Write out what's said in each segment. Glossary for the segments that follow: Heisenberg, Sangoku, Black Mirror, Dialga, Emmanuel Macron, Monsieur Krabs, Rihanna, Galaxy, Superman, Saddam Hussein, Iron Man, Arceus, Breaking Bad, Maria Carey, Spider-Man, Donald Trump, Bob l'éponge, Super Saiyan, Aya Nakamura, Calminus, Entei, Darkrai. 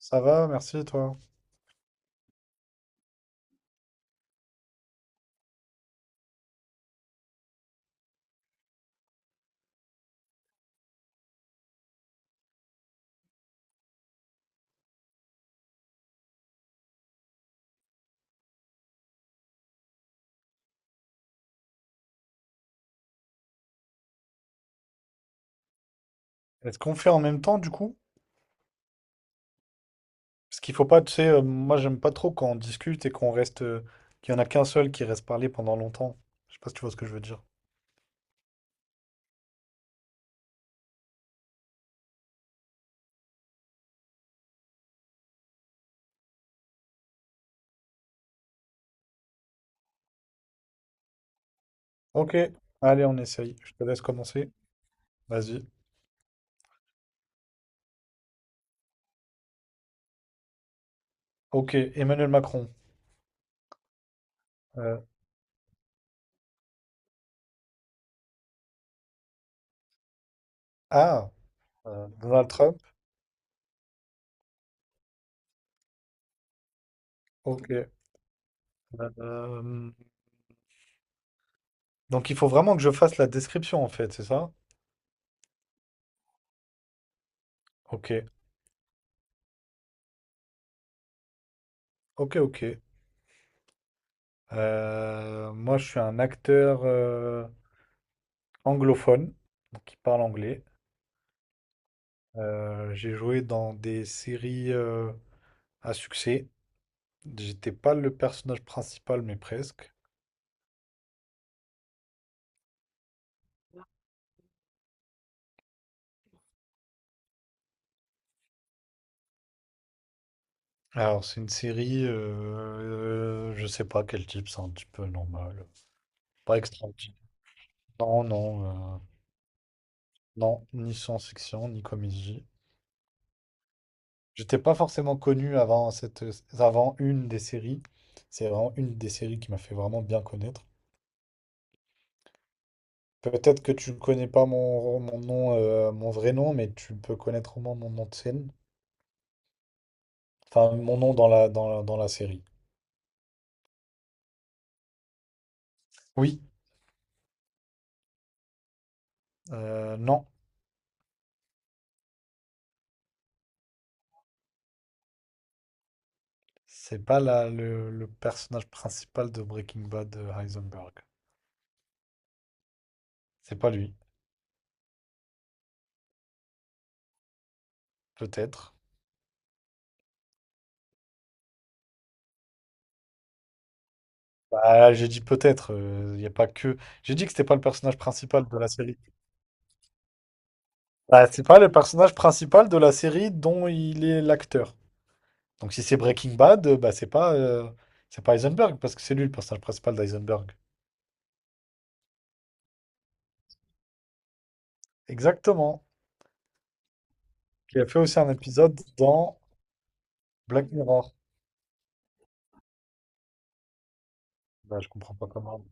Ça va, merci toi. Est-ce qu'on fait en même temps du coup? Parce qu'il faut pas, tu sais, moi j'aime pas trop quand on discute et qu'on reste, qu'il y en a qu'un seul qui reste parler pendant longtemps. Je sais pas si tu vois ce que je veux dire. Ok, allez, on essaye. Je te laisse commencer. Vas-y. Ok, Emmanuel Macron. Euh, ah, Donald Trump. Ok. Euh, donc il faut vraiment que je fasse la description en fait, c'est ça? Ok, ok, ok. Moi je suis un acteur anglophone, donc qui parle anglais. J'ai joué dans des séries à succès. J'étais pas le personnage principal, mais presque. Alors, c'est une série, je sais pas quel type, c'est un petit peu normal. Pas extraordinaire. Non, non, euh, non, ni science-fiction, ni comédie. J'étais pas forcément connu avant avant une des séries. C'est vraiment une des séries qui m'a fait vraiment bien connaître. Peut-être que tu ne connais pas mon nom, mon vrai nom, mais tu peux connaître au moins mon nom de scène. Enfin, mon nom dans la série. Oui, non, c'est pas le personnage principal de Breaking Bad, Heisenberg. C'est pas lui, peut-être. Bah, j'ai dit peut-être, il n'y a pas que. J'ai dit que c'était pas le personnage principal de la série. Bah, c'est pas le personnage principal de la série dont il est l'acteur. Donc si c'est Breaking Bad, bah c'est pas Heisenberg parce que c'est lui le personnage principal d'Heisenberg. Exactement. Qui a fait aussi un épisode dans Black Mirror. Bah, je comprends pas comment.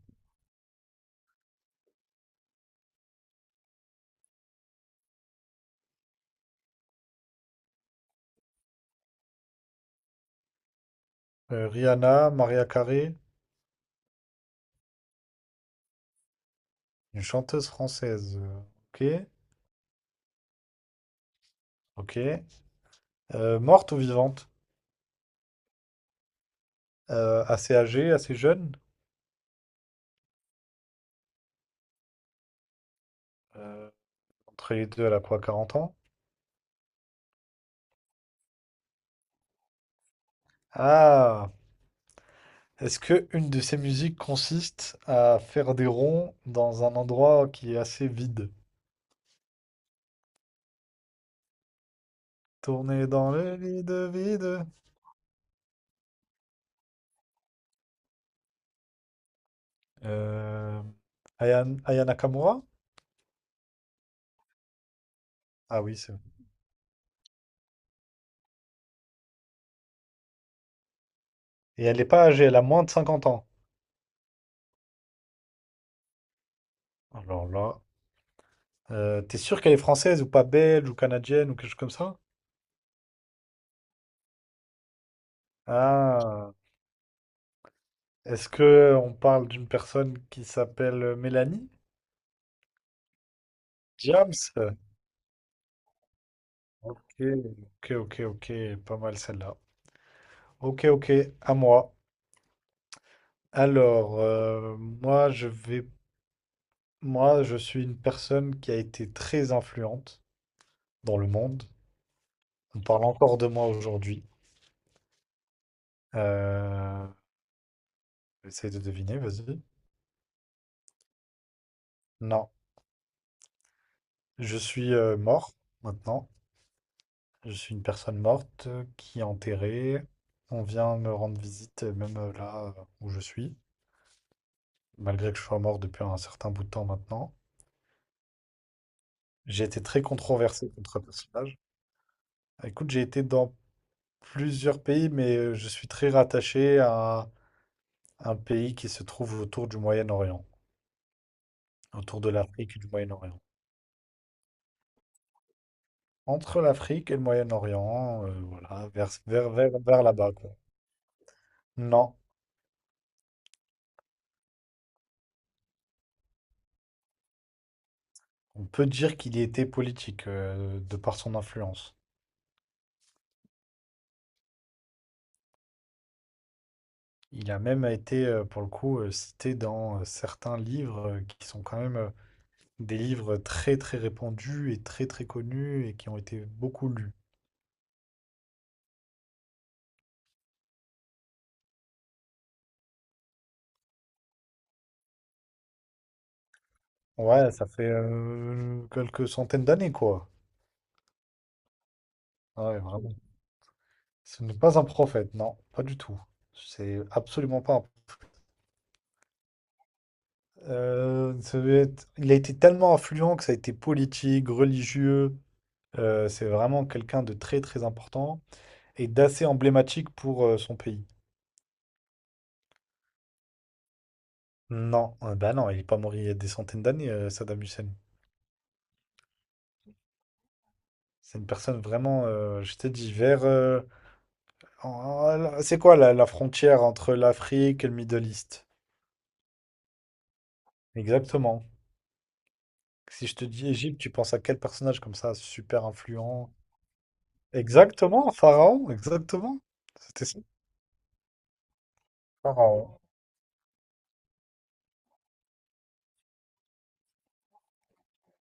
Rihanna, Maria Carey, une chanteuse française. Ok, ok. Morte ou vivante? Assez âgée, assez jeune? Euh, Entre les deux, elle a quoi, 40 ans? Ah! Est-ce que une de ces musiques consiste à faire des ronds dans un endroit qui est assez vide? Tourner dans le vide, vide. Euh, Aya Nakamura? Ah oui, c'est vrai. Et elle n'est pas âgée, elle a moins de 50 ans. Alors là. T'es sûr qu'elle est française ou pas belge ou canadienne ou quelque chose comme ça? Ah, est-ce que on parle d'une personne qui s'appelle Mélanie? James? Ok, ok, ok, ok, pas mal celle-là. Ok, ok, à moi. Alors, moi, je suis une personne qui a été très influente dans le monde. On parle encore de moi aujourd'hui. Euh, Essaye de deviner, vas-y. Non, je suis mort maintenant. Je suis une personne morte qui est enterrée. On vient me rendre visite, même là où je suis, malgré que je sois mort depuis un certain bout de temps maintenant. J'ai été très controversé contre le personnage. Écoute, j'ai été dans plusieurs pays, mais je suis très rattaché à un pays qui se trouve autour du Moyen-Orient, autour de l'Afrique et du Moyen-Orient. Entre l'Afrique et le Moyen-Orient, voilà, vers là-bas, quoi. Non, on peut dire qu'il y était politique, de par son influence. Il a même été, pour le coup, cité dans, certains livres, qui sont quand même, des livres très, très répandus et très, très connus et qui ont été beaucoup lus. Ouais, ça fait, quelques centaines d'années, quoi. Ah ouais, vraiment. Ce n'est pas un prophète, non, pas du tout. C'est absolument pas un ça devait être il a été tellement influent que ça a été politique, religieux, c'est vraiment quelqu'un de très, très important et d'assez emblématique pour, son pays. Non, bah non, il est pas mort il y a des centaines d'années, Saddam Hussein. C'est une personne vraiment, je t'ai dit, vers en- c'est quoi la frontière entre l'Afrique et le Middle East? Exactement. Si je te dis Égypte, tu penses à quel personnage comme ça, super influent? Exactement, Pharaon, exactement. C'était ça, Pharaon.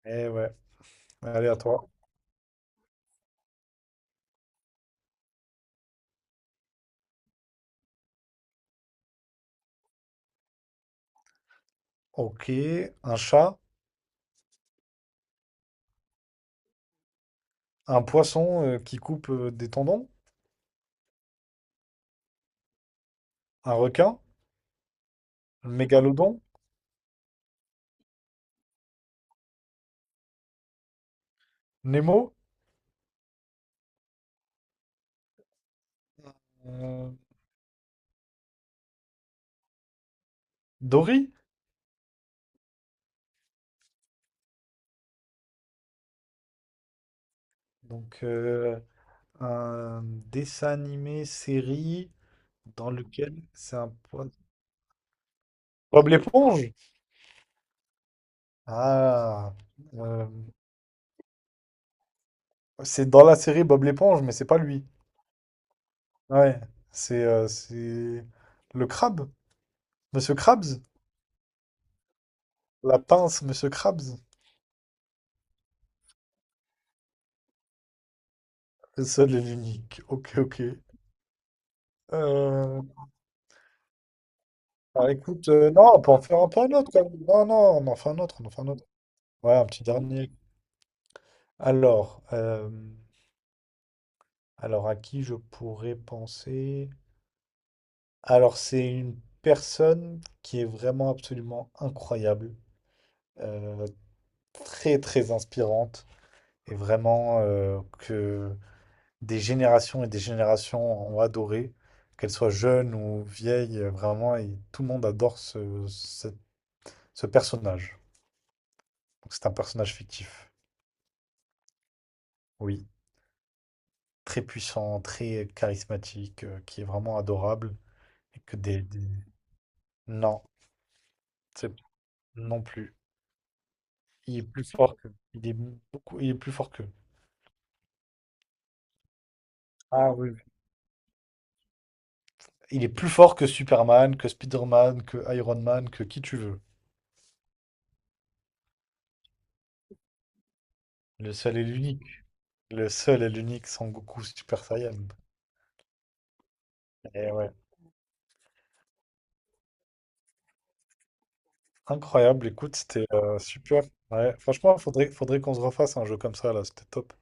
Eh ouais, allez à toi. Ok, un chat, un poisson qui coupe des tendons, un requin, un mégalodon, Nemo, euh, Dory? Donc, un dessin animé, série, dans lequel c'est un point. Bob l'éponge? Ah, euh, c'est dans la série Bob l'éponge, mais c'est pas lui. Ouais, c'est le crabe, Monsieur Krabs, la pince, Monsieur Krabs, le seul et l'unique. Ok, ok. Euh, bah, écoute, non, on peut en faire un peu un autre quand même. Non, non, on en fait un autre, on en fait un autre. Ouais, un petit dernier. Alors, euh, alors à qui je pourrais penser? Alors, c'est une personne qui est vraiment absolument incroyable, euh, très très inspirante, et vraiment que des générations et des générations ont adoré, qu'elle soit jeune ou vieille, vraiment, et tout le monde adore ce personnage. Donc, c'est un personnage fictif, oui, très puissant, très charismatique, qui est vraiment adorable, et que non, c'est non plus. Il est plus fort que... Il est beaucoup... Il est plus fort qu'eux. Il est plus fort que Superman, que Spider-Man, que Iron Man, que qui tu veux. Le seul et l'unique. Le seul et l'unique Sangoku Super Saiyan. Et ouais. Incroyable, écoute, c'était super. Ouais, franchement, faudrait qu'on se refasse un jeu comme ça, là, c'était top.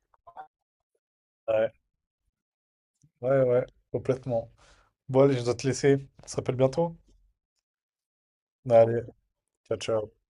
Ouais, ouais, ouais, complètement. Bon, allez, je dois te laisser. On se rappelle bientôt. Allez, ciao, ciao.